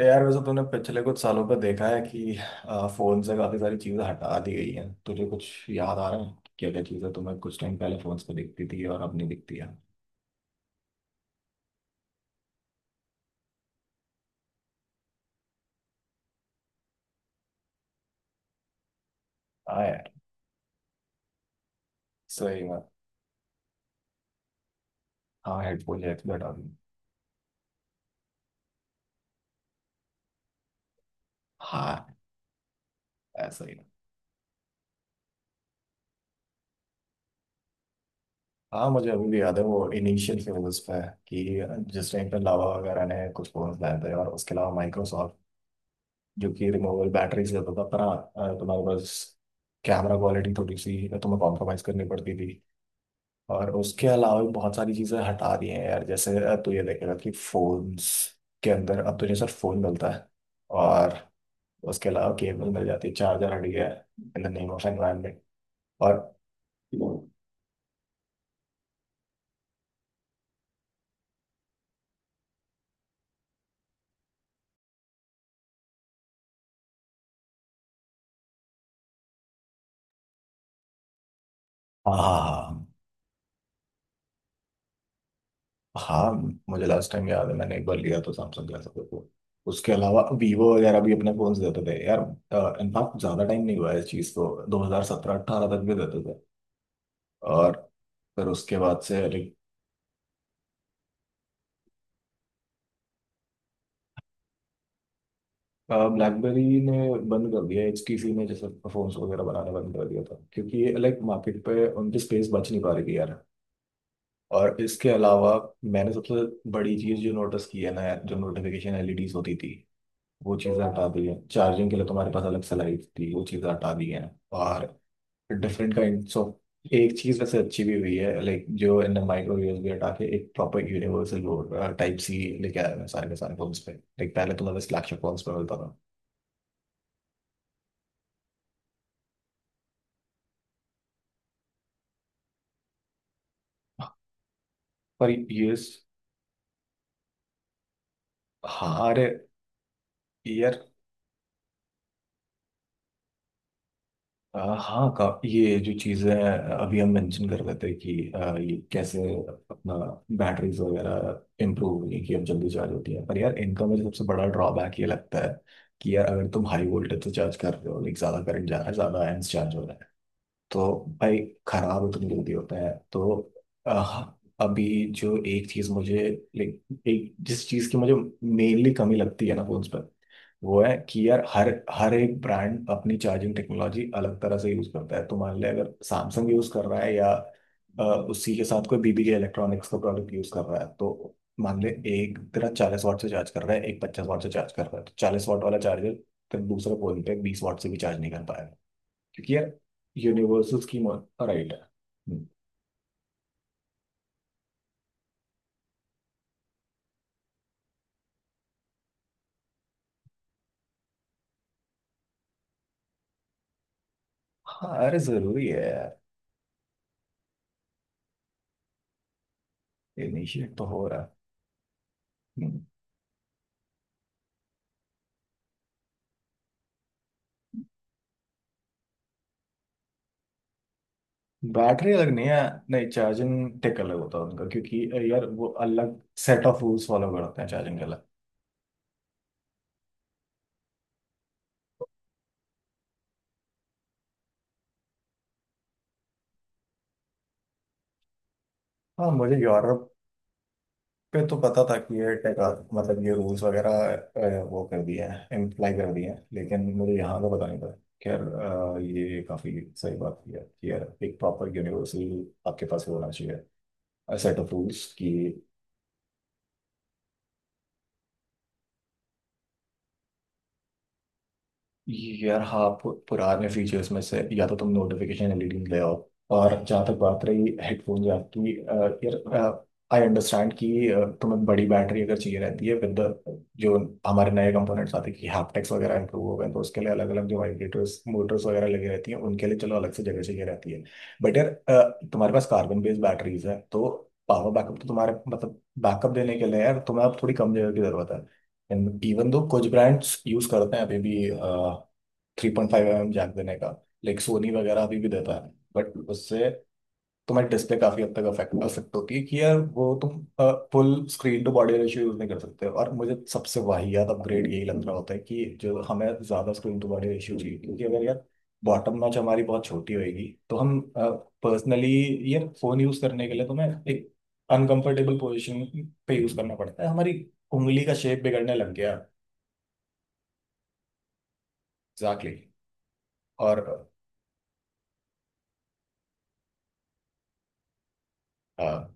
यार वैसे तूने पिछले कुछ सालों पर देखा है कि फोन से काफी सारी चीजें हटा दी गई हैं। तुझे कुछ याद आ रहा है क्या क्या चीजें तुम्हें कुछ टाइम पहले फोन पे दिखती थी और अब नहीं दिखती है। हाँ यार, सही बात। हाँ, हेडफोन जैक भी हटा दी। हाँ, ऐसा ही। हाँ, मुझे अभी भी याद है वो इनिशियल फेजेस पे कि जिस टाइम पे लावा वगैरह ने कुछ फोन लाए थे, और उसके अलावा माइक्रोसॉफ्ट, जो कि रिमूवेबल बैटरी से होता था। पर हाँ, तुम्हारे पास कैमरा क्वालिटी थोड़ी सी तुम्हें कॉम्प्रोमाइज करनी पड़ती थी। और उसके अलावा भी बहुत सारी चीजें हटा दी हैं यार। जैसे अब तो ये देखेगा कि फोन्स के अंदर अब तुझे सिर्फ फोन मिलता है, और उसके अलावा केबल मिल जाती है। चार्जर हट गया है in the name of environment. और हाँ, हाँ। हाँ हाँ, मुझे लास्ट टाइम याद है मैंने एक बार लिया तो सैमसंग का सब को। उसके अलावा वीवो वगैरह भी अपने फोन देते थे यार। इनफैक्ट ज्यादा टाइम नहीं हुआ है इस चीज को, 2017 18 तक भी देते थे। और फिर उसके बाद से like ब्लैकबेरी ने बंद कर दिया, एचटीसी ने जैसे फोन वगैरह बनाना बंद कर दिया था, क्योंकि ये लाइक मार्केट पे उनकी स्पेस बच नहीं पा रही थी यार। और इसके अलावा मैंने सबसे बड़ी चीज़ जो नोटिस की है ना यार, जो नोटिफिकेशन एलईडीज होती थी, वो चीज़ें हटा दी है। चार्जिंग के लिए तुम्हारे पास अलग से लाइट थी, वो चीज़ें हटा दी हैं। और डिफरेंट काइंड्स ऑफ एक चीज़ वैसे अच्छी भी हुई है लाइक, जो इन माइक्रो यूएसबी हटा के एक प्रॉपर यूनिवर्सल टाइप सी लेके आया है सारे के सारे फोन्स पे। लाइक पहले तुम्हें बस फ्लैगशिप फोन्स पे मिलता था। पर ये स- हाँ अरे यार, हाँ का ये जो चीजें अभी हम मेंशन कर रहे थे कि ये कैसे अपना बैटरीज वगैरह इम्प्रूव हुई कि अब जल्दी चार्ज होती है, पर यार इनका मुझे सबसे बड़ा ड्रॉबैक ये लगता है कि यार अगर तुम हाई वोल्टेज से चार्ज कर रहे हो, लाइक ज्यादा करंट जा रहा है, ज्यादा एम्स चार्ज हो रहा है, तो भाई खराब इतनी जल्दी होता है। तो आह, अभी जो एक चीज मुझे लाइक, एक जिस चीज की मुझे मेनली कमी लगती है ना फोन्स पर, वो है कि यार हर हर एक ब्रांड अपनी चार्जिंग टेक्नोलॉजी अलग तरह से यूज करता है। तो मान ले अगर सैमसंग यूज कर रहा है या अ, उसी के साथ कोई बीबी के इलेक्ट्रॉनिक्स का प्रोडक्ट यूज कर रहा है, तो मान ले एक तेरा चालीस वाट से चार्ज कर रहा है, एक पचास वाट से चार्ज कर रहा है, तो चालीस वाट वाला चार्जर फिर दूसरे फोन पे बीस वाट से भी चार्ज नहीं कर पाएगा, क्योंकि यार यूनिवर्सल स्कीम राइट है। हम्म। हाँ अरे, जरूरी है यार। इनिशिएट तो हो रहा है। हम्म। बैटरी अलग नहीं है। नहीं, चार्जिंग टेक अलग होता है उनका, क्योंकि यार वो अलग सेट ऑफ रूल्स फॉलो करते हैं चार्जिंग के अलग। हाँ, मुझे यूरोप पे तो पता था कि ये टेक, मतलब ये रूल्स वगैरह, वो कर दिया है, इम्प्लाई कर दिया है, लेकिन मुझे यहाँ का पता नहीं था। खैर, ये काफी सही बात की है कि यार एक प्रॉपर यूनिवर्सल आपके पास होना चाहिए सेट ऑफ रूल्स कि। यार हाँ, पुराने फीचर्स में से या तो तुम नोटिफिकेशन एलईडी ले आओ, और जहाँ तक बात रही हेडफोन या की यार आई अंडरस्टैंड कि तुम्हें बड़ी बैटरी अगर चाहिए रहती है, विद जो हमारे नए कंपोनेंट्स आते हैं कि हैप्टिक्स वगैरह इंप्रूव हो गए हैं, तो उसके लिए अलग अलग जो वाइब्रेटर्स मोटर्स वगैरह लगी रहती हैं उनके लिए चलो अलग से जगह चाहिए रहती है। बट यार, तुम्हारे पास कार्बन बेस्ड बैटरीज है तो पावर बैकअप तो तुम्हारे, मतलब बैकअप देने के लिए यार तुम्हें अब थोड़ी कम जगह की जरूरत है। इवन दो कुछ ब्रांड्स यूज करते हैं अभी भी three point five M M jack देने का, लाइक सोनी वगैरह अभी भी देता है, बट उससे तुम्हारी डिस्प्ले काफी हद तक अफेक्ट अफेक्ट होती है कि यार वो तुम full screen to body ratio use नहीं कर सकते। और मुझे सबसे वाहियात अपग्रेड यही लग रहा होता है कि जो हमें ज्यादा स्क्रीन टू बॉडी रेशियो चाहिए, क्योंकि अगर यार बॉटम नॉच हमारी बहुत छोटी होगी, तो हम पर्सनली यार फोन यूज करने के लिए तुम्हें एक अनकंफर्टेबल पोजीशन पे यूज करना पड़ता है, हमारी उंगली का शेप बिगड़ने लग गया। Exactly exactly. और अ,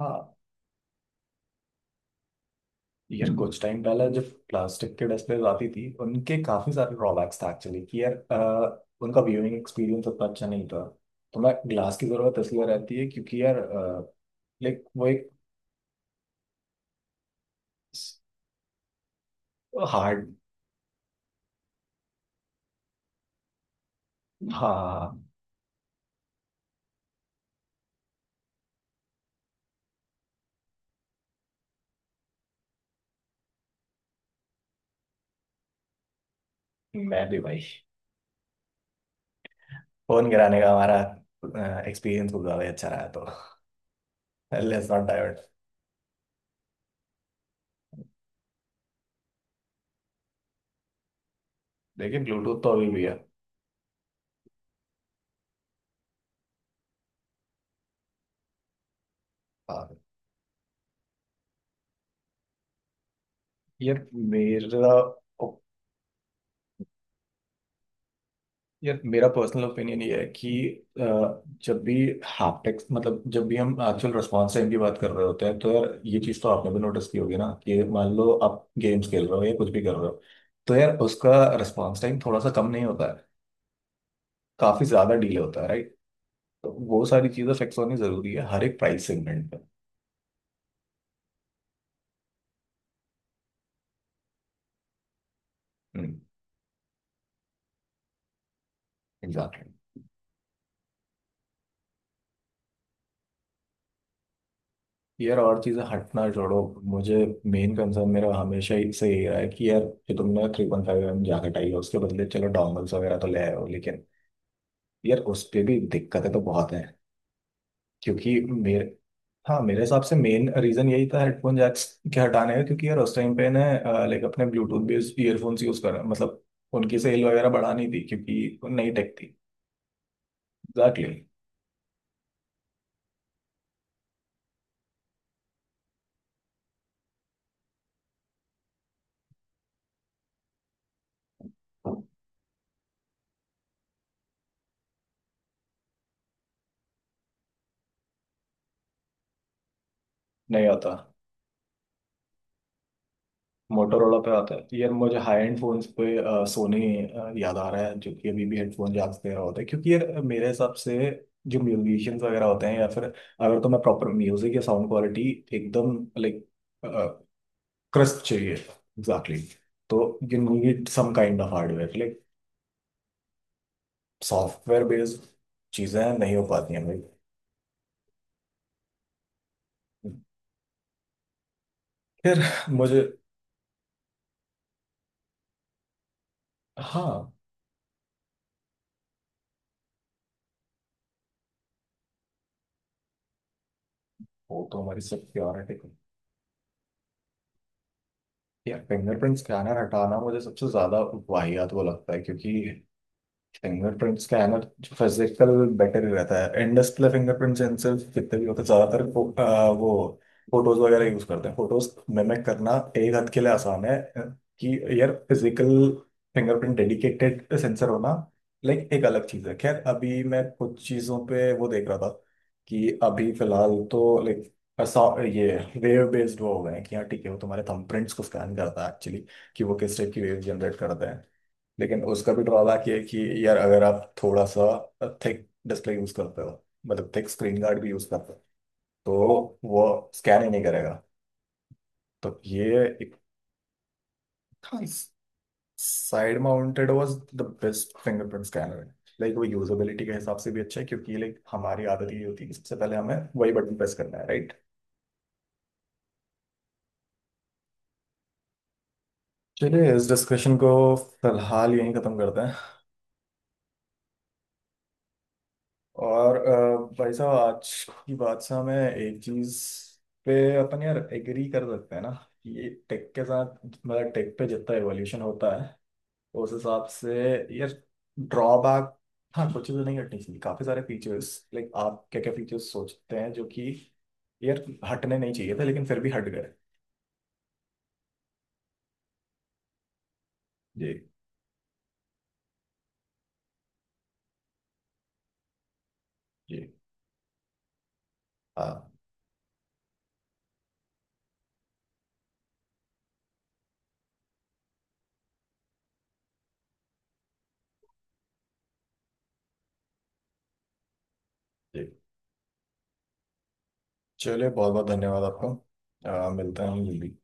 हाँ यार, कुछ टाइम पहले जब प्लास्टिक के डिस्प्लेज आती थी, उनके काफी सारे ड्रॉबैक्स था एक्चुअली, कि यार उनका व्यूइंग एक्सपीरियंस उतना अच्छा नहीं था। तो मैं ग्लास की जरूरत इसलिए रहती है क्योंकि यार लाइक वो एक हार्ड। हाँ हाँ, हाँ, मैं भी भाई फोन गिराने का हमारा एक्सपीरियंस कुछ ज्यादा ही अच्छा रहा तो लेट्स नॉट डाइवर्ट। लेकिन ब्लूटूथ तो अभी भी है। हाँ यार। मेरा मेरा पर्सनल ओपिनियन ये है कि अ, जब भी हैप्टिक्स, मतलब जब भी हम एक्चुअल रिस्पॉन्स टाइम की बात कर रहे होते हैं, तो यार ये चीज़ तो आपने भी नोटिस की होगी ना कि मान लो आप गेम्स खेल रहे हो या कुछ भी कर रहे हो, तो यार उसका रिस्पॉन्स टाइम थोड़ा सा कम नहीं होता है, काफ़ी ज़्यादा डिले होता है, राइट। तो वो सारी चीज़ें फिक्स होनी ज़रूरी है हर एक प्राइस सेगमेंट पर। एग्जैक्टली। यार और चीज़ें हटना छोड़ो, मुझे मेन कंसर्न मेरा हमेशा ही से ये रहा है कि यार जो तुमने three point five M jacket आई है, उसके बदले चलो डोंगल्स वगैरह तो ले आए हो, लेकिन यार उस पे भी दिक्कतें तो बहुत हैं, क्योंकि मेरे, हाँ मेरे हिसाब से मेन रीजन यही था हेडफोन जैक्स के हटाने का, क्योंकि यार उस टाइम पे ना लाइक अपने ब्लूटूथ बेस्ड ईयरफोन्स यूज कर, मतलब उनकी सेल वगैरह बढ़ानी थी क्योंकि नई टेक थी। एग्जैक्टली। नहीं आता मोटोरोला पे आता है यार, मुझे हाई एंड फोन्स पे सोनी याद आ रहा है जो कि अभी भी हेडफोन जैक्स दे रहा होता है, क्योंकि यार मेरे हिसाब से जो म्यूजिशियंस वगैरह होते हैं या फिर अगर, तो मैं प्रॉपर म्यूजिक या साउंड क्वालिटी एकदम लाइक क्रस्ट चाहिए था। Exactly exactly. तो you need some kind of hardware, like software based चीज़ें नहीं हो पाती हैं भाई। फिर मुझे, हाँ। वो तो हमारी सिक्योरिटी या फिंगरप्रिंट स्कैनर हटाना मुझे सबसे ज़्यादा वाहियात वो लगता है, क्योंकि फिंगरप्रिंट स्कैनर फिजिकल बेटर ही रहता है। एंड डिस्प्ले फिंगरप्रिंट सेंसर जितने भी होते हैं, ज्यादातर वो फोटोज वगैरह यूज करते हैं। फोटोज मिमिक करना एक हद के लिए आसान है। कि यार फिजिकल फिंगरप्रिंट डेडिकेटेड सेंसर होना लाइक एक अलग चीज है। खैर, अभी मैं कुछ चीजों पे वो देख रहा था कि अभी फिलहाल तो लाइक ये वेव बेस्ड वो हो गए हैं कि हाँ ठीक है वो तुम्हारे थंबप्रिंट्स को स्कैन करता है एक्चुअली, कि वो किस टाइप की वेव जनरेट करते हैं। लेकिन उसका भी ड्रॉबैक ये है कि यार अगर आप थोड़ा सा थिक डिस्प्ले यूज करते हो, मतलब थिक स्क्रीन गार्ड भी यूज करते हो, तो वो स्कैन ही नहीं करेगा। तो ये एक side mounted was the best fingerprint scanner. Like वो यूजेबिलिटी के हिसाब से भी अच्छा है, क्योंकि लाइक हमारी आदत ये होती है कि सबसे पहले हमें वही बटन प्रेस करना है, राइट। चलिए इस डिस्कशन को फिलहाल यहीं खत्म करते हैं। और भाई साहब आज की बात से हमें एक चीज पे अपन यार एग्री कर सकते हैं ना, कि ये टेक के साथ, मतलब टेक पे जितना एवोल्यूशन होता है उस हिसाब से यार ड्रॉबैक। हाँ, कुछ चीज़ें नहीं हटनी चाहिए। काफी सारे फीचर्स लाइक, आप क्या क्या फीचर्स सोचते हैं जो कि यार हटने नहीं चाहिए थे लेकिन फिर भी हट गए। जी। जी। हाँ। जी। चलिए, बहुत बहुत धन्यवाद आपको। मिलते हैं हम जल्दी।